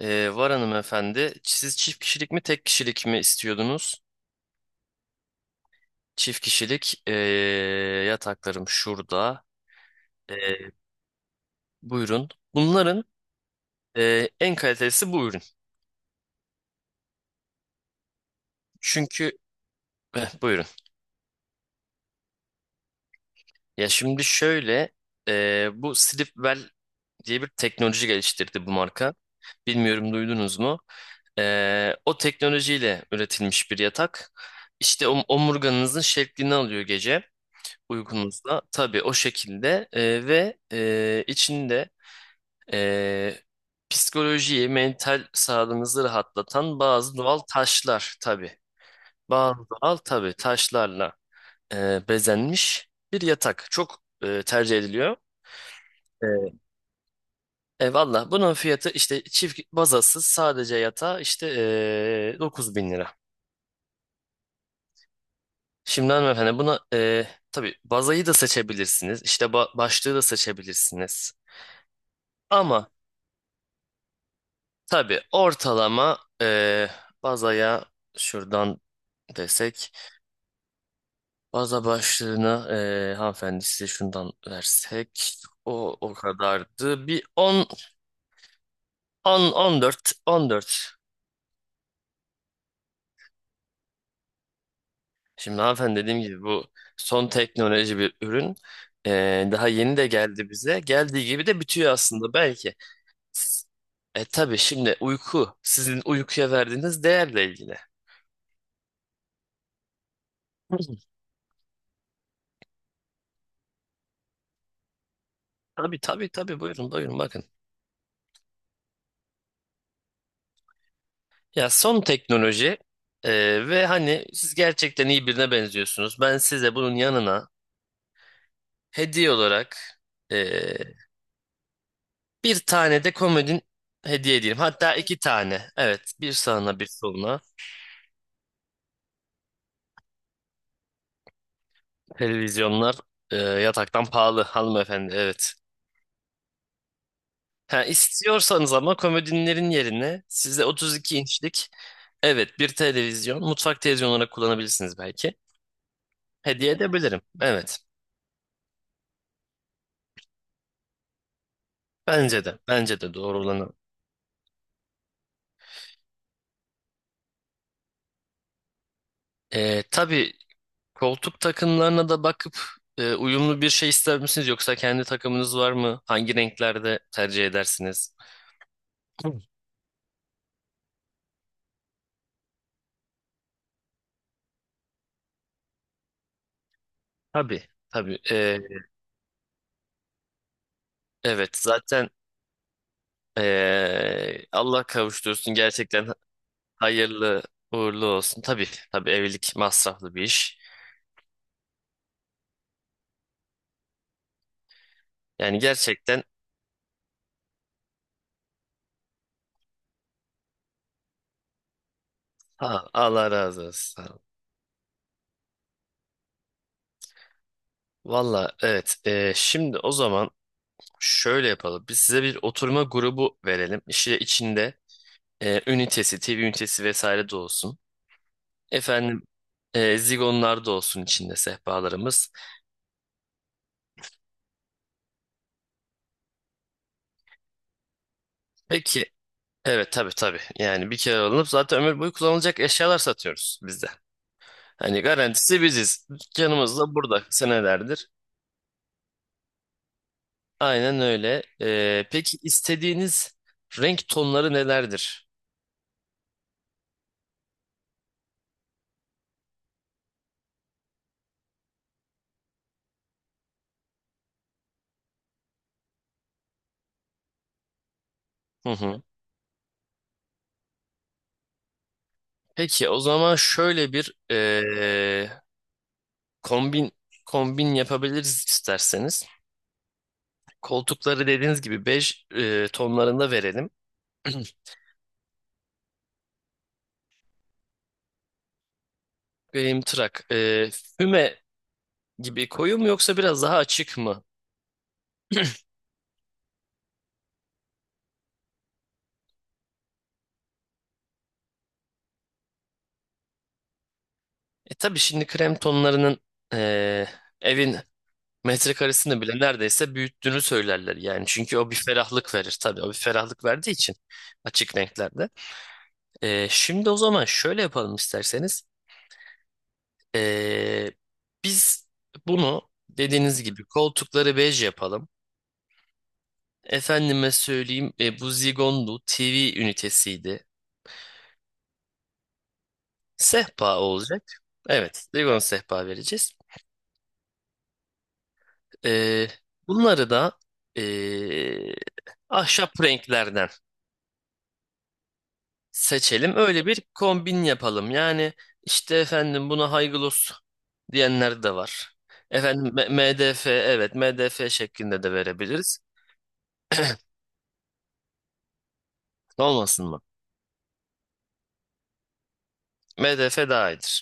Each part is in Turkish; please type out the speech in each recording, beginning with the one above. Var hanımefendi. Siz çift kişilik mi tek kişilik mi istiyordunuz? Çift kişilik yataklarım şurada. Ee, buyurun. Bunların en kalitelisi bu ürün. Çünkü buyurun. Ya şimdi şöyle bu Sleepwell diye bir teknoloji geliştirdi bu marka. Bilmiyorum, duydunuz mu? O teknolojiyle üretilmiş bir yatak. İşte omurganızın şeklini alıyor gece. Uygunsa tabii o şekilde, ve içinde e, psikolojiyi, mental sağlığınızı rahatlatan bazı doğal taşlar tabii. Bazı doğal tabii taşlarla bezenmiş bir yatak. Çok tercih ediliyor. E, Valla bunun fiyatı işte çift bazasız sadece yatağı işte 9 bin lira. Şimdi hanımefendi buna tabii bazayı da seçebilirsiniz. İşte başlığı da seçebilirsiniz. Ama tabii ortalama bazaya şuradan desek. Baza başlığına hanımefendi, size şundan versek. O o kadardı. Bir on on on dört on dört. Şimdi hanımefendi, dediğim gibi, bu son teknoloji bir ürün. Daha yeni de geldi bize. Geldiği gibi de bitiyor aslında belki. E tabii şimdi uyku, sizin uykuya verdiğiniz değerle ilgili. Tabii tabii tabii, buyurun buyurun bakın. Ya, son teknoloji ve hani siz gerçekten iyi birine benziyorsunuz. Ben size bunun yanına hediye olarak e, bir tane de komodin hediye edeyim. Hatta iki tane. Evet, bir sağına bir soluna. Televizyonlar yataktan pahalı hanımefendi. Evet. Ha, istiyorsanız ama komodinlerin yerine size 32 inçlik, evet, bir televizyon mutfak televizyonu olarak kullanabilirsiniz belki. Hediye edebilirim. Evet. Bence de. Bence de doğru olanı. Tabii koltuk takımlarına da bakıp uyumlu bir şey ister misiniz, yoksa kendi takımınız var mı? Hangi renklerde tercih edersiniz? Tabii, tabii. Evet, zaten Allah kavuştursun, gerçekten hayırlı uğurlu olsun. Tabii, tabii, evlilik masraflı bir iş. Yani gerçekten, ha, Allah razı olsun. Valla evet. Şimdi o zaman şöyle yapalım. Biz size bir oturma grubu verelim. İşte içinde ünitesi, TV ünitesi vesaire de olsun. Efendim, zigonlar da olsun içinde, sehpalarımız. Peki, evet, tabii tabii, yani bir kere alınıp zaten ömür boyu kullanılacak eşyalar satıyoruz bizde. Hani garantisi biziz. Dükkanımız da burada senelerdir. Aynen öyle. Peki, istediğiniz renk tonları nelerdir? Hı hı. Peki, o zaman şöyle bir kombin kombin yapabiliriz isterseniz. Koltukları dediğiniz gibi bej tonlarında verelim. Benim tırak. Füme gibi koyu mu, yoksa biraz daha açık mı? E tabii, şimdi krem tonlarının eee, evin metrekaresini bile neredeyse büyüttüğünü söylerler yani. Çünkü o bir ferahlık verir tabii. O bir ferahlık verdiği için, açık renklerde. Şimdi o zaman şöyle yapalım isterseniz. Eee, biz bunu dediğiniz gibi koltukları bej yapalım. Efendime söyleyeyim, bu Zigondu, TV ünitesiydi. Sehpa olacak. Evet, Zigon sehpa vereceğiz. Ee, bunları da ee, ahşap renklerden seçelim. Öyle bir kombin yapalım. Yani işte, efendim, buna high gloss diyenler de var. Efendim MDF, evet, MDF şeklinde de verebiliriz. Olmasın mı? MDF daha iyidir.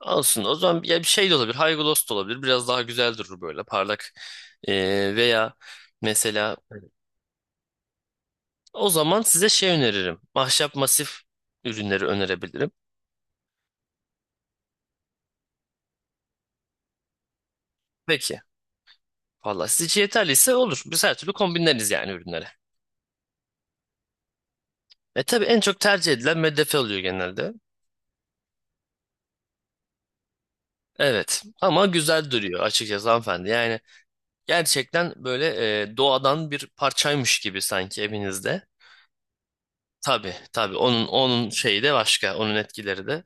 Olsun. O zaman ya bir şey de olabilir, haygulos da olabilir. Biraz daha güzel durur, böyle parlak. Veya mesela o zaman size şey öneririm: ahşap masif ürünleri önerebilirim. Peki. Valla siz için yeterliyse olur. Biz her türlü kombinleriz yani ürünleri. E tabii, en çok tercih edilen MDF oluyor genelde. Evet ama güzel duruyor açıkçası hanımefendi. Yani gerçekten böyle doğadan bir parçaymış gibi sanki evinizde. Tabii tabii, onun şeyi de başka, onun etkileri de.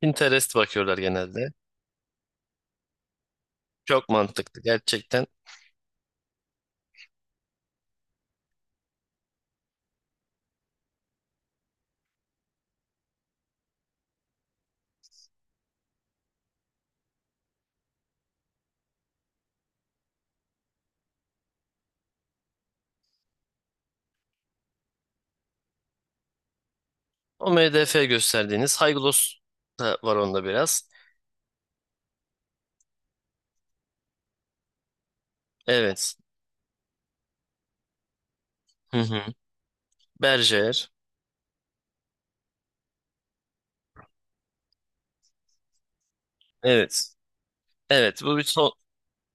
Pinterest bakıyorlar genelde. Çok mantıklı gerçekten. O MDF gösterdiğiniz, high gloss da var onda biraz. Evet. Hı hı. Berger. Evet. Evet, bu bir son.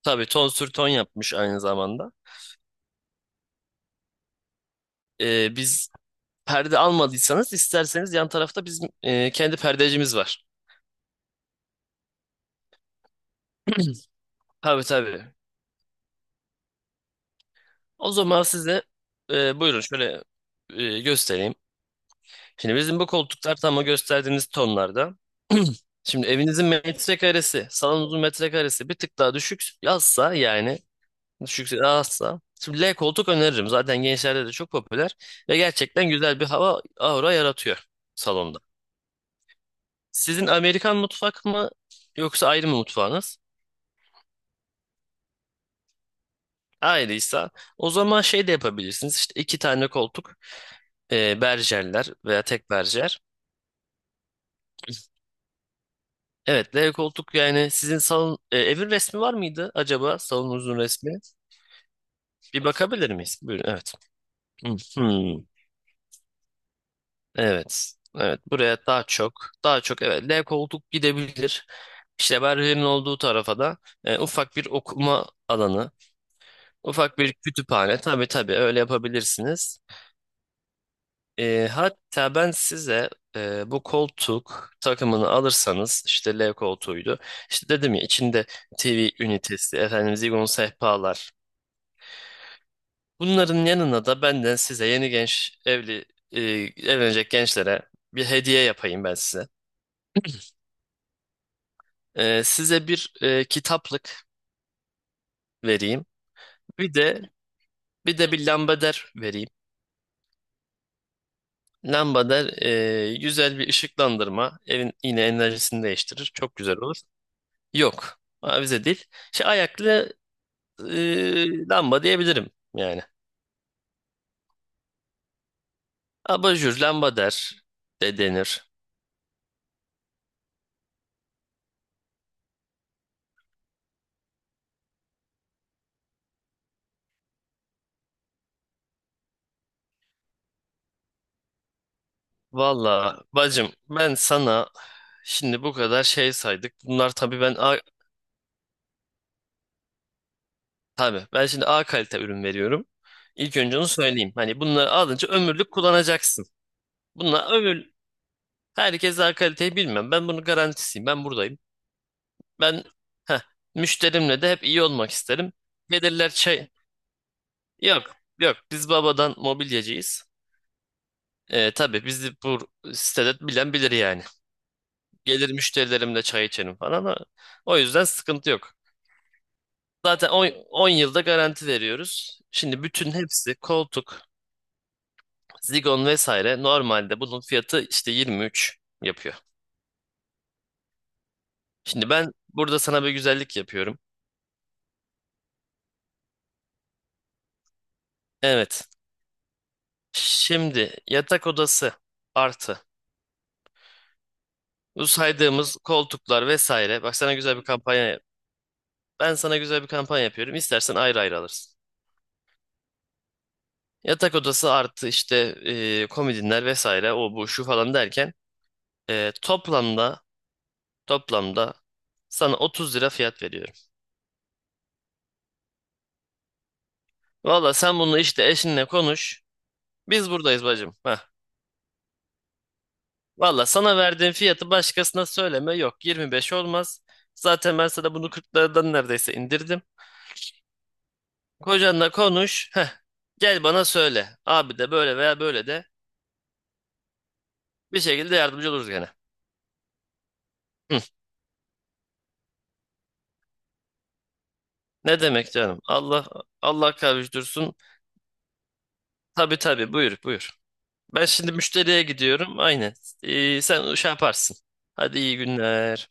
Tabii ton sür ton yapmış aynı zamanda. Biz perde almadıysanız, isterseniz yan tarafta bizim kendi perdecimiz var. Tabii tabii. O zaman size buyurun, şöyle göstereyim. Şimdi bizim bu koltuklar tam o gösterdiğiniz tonlarda. Şimdi evinizin metrekaresi, salonunuzun metrekaresi bir tık daha düşük yazsa, yani düşükse, azsa. Şimdi L koltuk öneririm. Zaten gençlerde de çok popüler, ve gerçekten güzel bir hava, aura yaratıyor salonda. Sizin Amerikan mutfak mı, yoksa ayrı mı mutfağınız? Ayrıysa, o zaman şey de yapabilirsiniz: İşte iki tane koltuk, berjerler, veya tek berjer. Evet, L koltuk. Yani sizin salon, evin resmi var mıydı acaba, salonunuzun resmi? Bir bakabilir miyiz? Buyurun. Evet. Hmm, hmm. Evet. Evet, buraya daha çok, daha çok, evet, L koltuk gidebilir. İşte berjerin olduğu tarafa da ufak bir okuma alanı, ufak bir kütüphane. Tabii tabii, öyle yapabilirsiniz. Hatta ben size bu koltuk takımını alırsanız, işte L koltuğuydu. İşte dedim ya, içinde TV ünitesi, efendim zigon sehpalar. Bunların yanına da benden size, yeni genç evli e, evlenecek gençlere, bir hediye yapayım ben size. Size bir kitaplık vereyim. Bir de bir de bir lambader vereyim. Lambader güzel bir ışıklandırma. Evin yine enerjisini değiştirir, çok güzel olur. Yok. Avize değil. Şey, ayaklı lamba diyebilirim yani. Abajur, lamba der de denir. Valla bacım, ben sana şimdi bu kadar şey saydık. Bunlar tabii ben A, Tabii ben şimdi A kalite ürün veriyorum. İlk önce onu söyleyeyim. Hani bunları alınca ömürlük kullanacaksın. Bunlar ömür Herkes A kaliteyi bilmem. Ben bunun garantisiyim. Ben buradayım. Ben, heh, müşterimle de hep iyi olmak isterim. Gelirler, yok yok, biz babadan mobilyacıyız. Tabii bizi bu sitede bilen bilir yani. Gelir müşterilerimle çay içerim falan. O yüzden sıkıntı yok. Zaten 10 yılda garanti veriyoruz. Şimdi bütün hepsi, koltuk, zigon vesaire, normalde bunun fiyatı işte 23 yapıyor. Şimdi ben burada sana bir güzellik yapıyorum. Evet. Şimdi yatak odası artı bu saydığımız koltuklar vesaire. Bak sana güzel bir kampanya Ben sana güzel bir kampanya yapıyorum. İstersen ayrı ayrı alırsın. Yatak odası artı işte komodinler vesaire, o bu şu falan derken, e, toplamda toplamda sana 30 lira fiyat veriyorum. Valla sen bunu işte eşinle konuş. Biz buradayız bacım. Heh. Valla sana verdiğim fiyatı başkasına söyleme. Yok, 25 olmaz. Zaten ben sana bunu 40'lardan neredeyse indirdim. Kocanla konuş. Heh. Gel bana söyle, abi de böyle veya böyle de bir şekilde yardımcı oluruz gene. Ne demek canım? Allah kavuştursun. Tabii tabii, buyur buyur. Ben şimdi müşteriye gidiyorum. Aynen. Sen şey yaparsın. Hadi, iyi günler.